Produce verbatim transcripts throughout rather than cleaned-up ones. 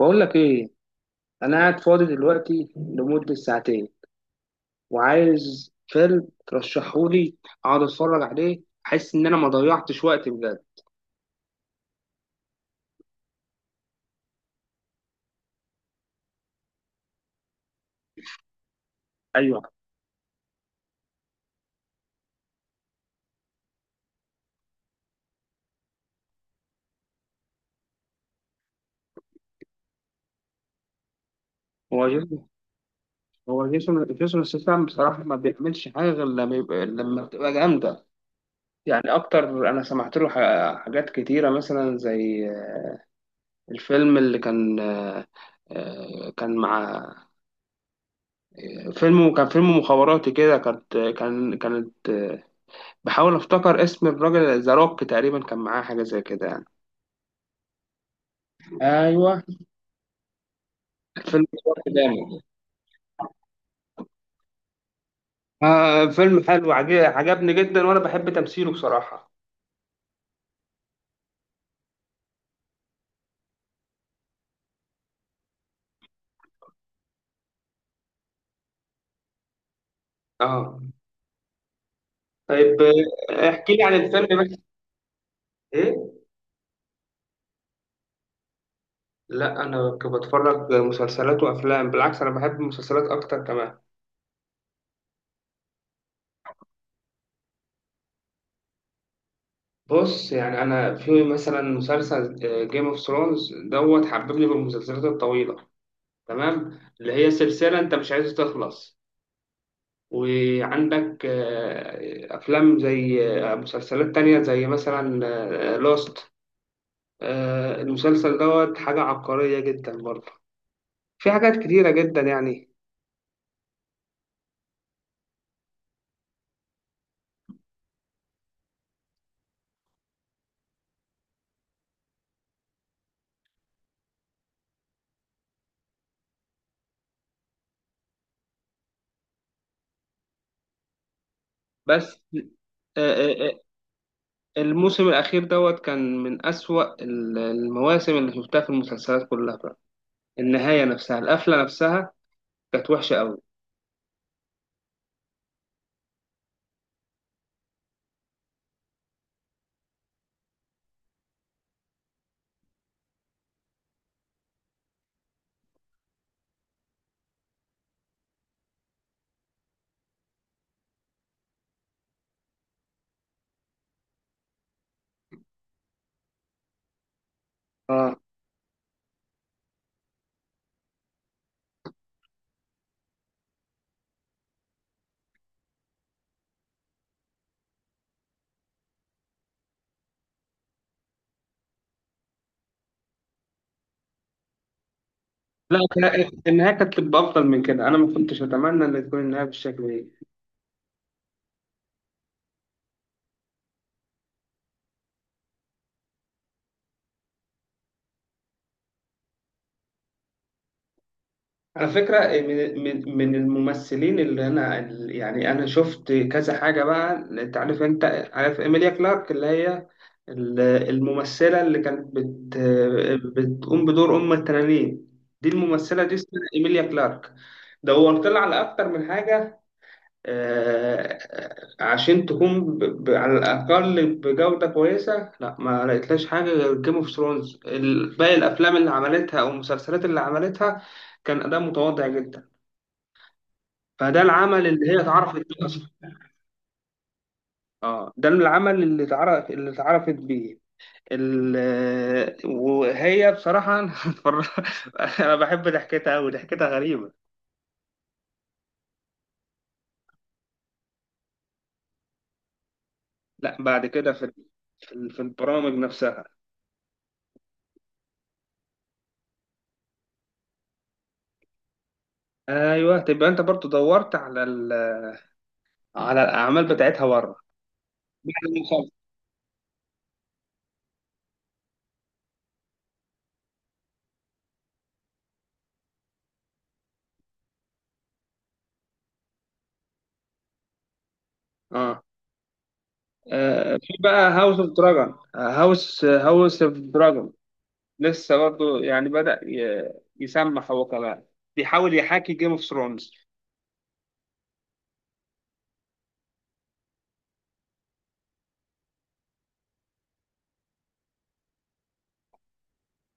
بقول لك ايه؟ انا قاعد فاضي دلوقتي لمدة ساعتين، وعايز فيلم ترشحهولي، اقعد اتفرج عليه، احس ان انا ما ضيعتش وقت بجد. ايوه. هو جيسون هو جيسون جيسون ستاثام، بصراحة ما بيعملش حاجة غير لما يبقى لما بتبقى جامدة. يعني اكتر انا سمعت له ح- حاجات كتيرة، مثلا زي الفيلم اللي كان، آه، كان مع، فيلم كان فيلم مخابراتي كده، كانت كان كانت، بحاول افتكر اسم الراجل، ذا روك تقريبا كان معاه حاجه زي كده يعني. ايوه، الفيلم ده جامد. آه، فيلم حلو، عج- عجبني جدا، وانا بحب تمثيله بصراحه. اه، طيب. آه، احكي لي عن الفيلم بس. ايه؟ لا، انا ك- بتفرج مسلسلات وافلام، بالعكس انا بحب المسلسلات اكتر كمان. بص، يعني انا في مثلا مسلسل جيم اوف ثرونز دوت حببني بالمسلسلات الطويله، تمام؟ اللي هي سلسله انت مش عايز تخلص. وعندك آه، أفلام زي، آه، مسلسلات تانية زي مثلا لوست، المسلسل دوت حاجة عبقرية جدا برضه، في حاجات كتيرة جدا يعني. بس. آه، آه، آه، الموسم الأخير دوت كان من أسوأ ال- المواسم اللي شفتها في المسلسلات كلها بقى. النهاية نفسها، القفلة نفسها، كانت وحشة أوي. اه، لا، كان- النهاية كانت تبقى أفضل من كده، أنا ما كنتش أتمنى إن تكون النهاية بالشكل ده. على فكرة إيه، من من من الممثلين اللي أنا، يعني أنا شفت كذا حاجة بقى، أنت عارف أنت عارف إيميليا كلارك، اللي هي ال- الممثلة اللي كانت بت بتقوم بدور أم التنانين. دي الممثلة دي اسمها إيميليا كلارك. دورت لها على أكتر من حاجة، آه، عشان تكون ب... ب... على الأقل بجودة كويسة. لا، ما لقيتلاش حاجة غير جيم اوف ثرونز. باقي الأفلام اللي عملتها أو المسلسلات اللي عملتها كان أداء متواضع جدا. فده العمل اللي هي اتعرفت بيه أصلا. اه، ده العمل اللي اتعرف اللي اتعرفت بيه ال... وهي بصراحة أنا اتفرج- أنا بحب ضحكتها أوي، ضحكتها غريبة. لا، بعد كده في في في البرامج نفسها. ايوه، تبقى انت برضو دورت على على الأعمال بتاعتها بره. بعد ما يخلص. اه، آه، في بقى هاوس اوف دراجون هاوس هاوس اوف دراجون لسه برضو يعني بدأ ي- يسمح هو كمان، بيحاول يحاكي جيم اوف ثرونز.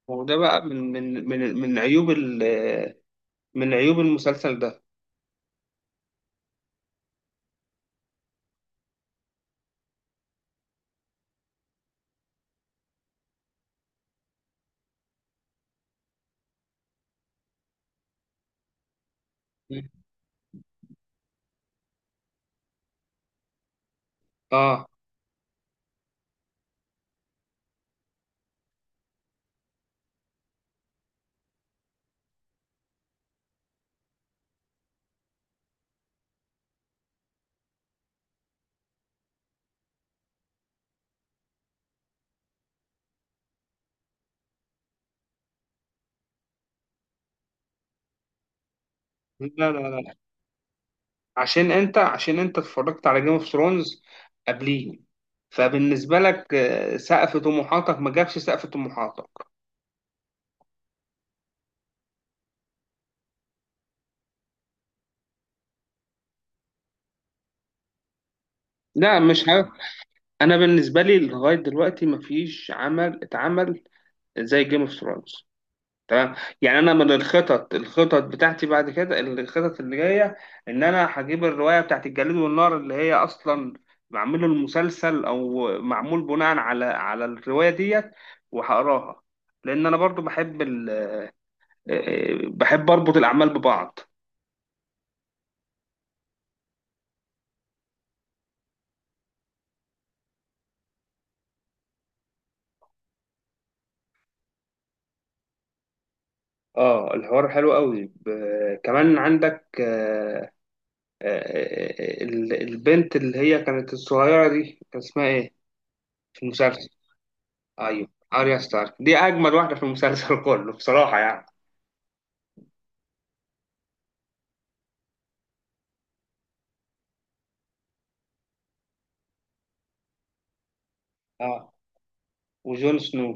وده بقى من من من من عيوب ال- من عيوب المسلسل ده. اه، لا، لا، لا، عشان انت عشان انت اتفرجت على جيم اوف ثرونز قبليه، فبالنسبه لك آه، سقف طموحاتك ما جابش سقف طموحاتك. لا، مش ه... انا بالنسبه لي لغايه دلوقتي مفيش عمل اتعمل زي جيم اوف ثرونز، تمام؟ يعني انا من الخطط الخطط بتاعتي، بعد كده الخطط اللي جايه، ان انا هجيب الروايه بتاعت الجليد والنار، اللي هي اصلا معمول المسلسل او معمول بناء على على الروايه ديت، وهقراها. لان انا برضو بحب ال... بحب اربط الاعمال ببعض. اه، الحوار حلو قوي، ب... كمان عندك آه، آه، آه، آه، ال- البنت اللي هي كانت الصغيرة دي كان اسمها ايه في المسلسل؟ ايوه، اريا ستارك دي اجمل واحدة في المسلسل كله بصراحة يعني. اه، وجون سنو.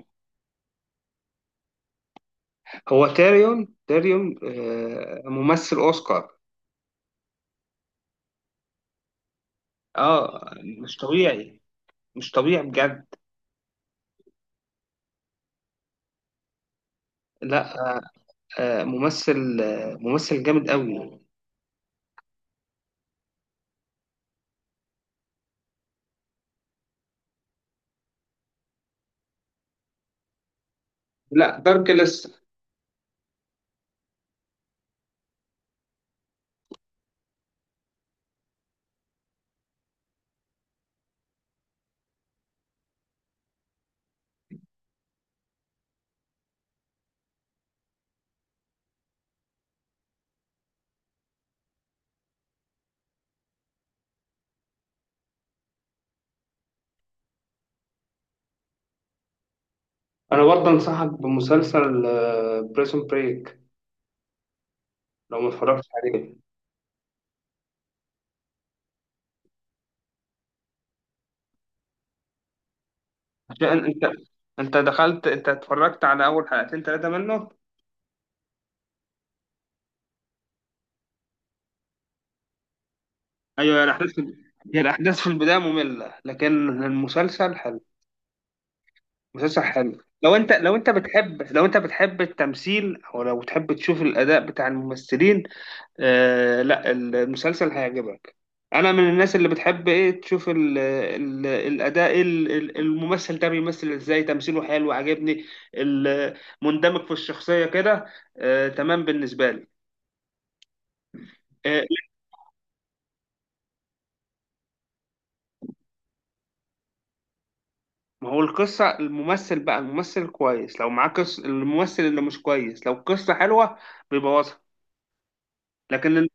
هو تيريون تيريون آه، ممثل اوسكار. اه، مش طبيعي، مش طبيعي بجد. لا، آه، آه، ممثل آه، ممثل جامد قوي. لا، دارك لسه. انا برضه انصحك بمسلسل بريسون بريك لو ما اتفرجتش عليه. عشان انت انت دخلت انت اتفرجت على اول حلقتين ثلاثه منه. ايوه، هي الاحداث في هي الاحداث في البدايه ممله لكن المسلسل حلو. مسلسل حلو لو انت لو انت بتحب لو انت بتحب التمثيل او لو بتحب تشوف الاداء بتاع الممثلين. آه، لا، المسلسل هيعجبك. انا من الناس اللي بتحب ايه تشوف ال ال الاداء ال- ال- الممثل ده بيمثل ازاي، تمثيله حلو عجبني. ال- مندمج في الشخصيه كده. آه، تمام بالنسبه لي. آه، ما هو القصة، الممثل بقى الممثل كويس لو معاه قصة، الممثل اللي مش كويس لو القصة حلوة بيبوظها. لكن ال-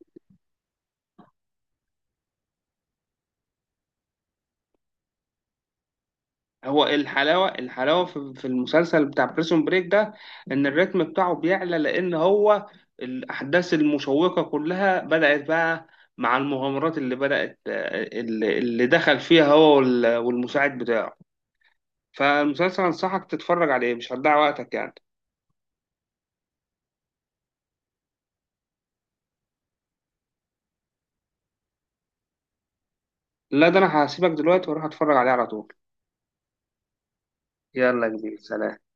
هو الحلاوة، الحلاوة في في المسلسل بتاع بريسون بريك ده، إن الريتم بتاعه بيعلى، لأن هو الأحداث المشوقة كلها بدأت بقى، مع المغامرات اللي بدأت اللي اللي دخل فيها هو وال- والمساعد بتاعه. فالمسلسل أنصحك تتفرج عليه، مش هتضيع وقتك يعني. لا، ده أنا هسيبك دلوقتي وأروح أتفرج عليه على طول. يلا يا كبير، سلام.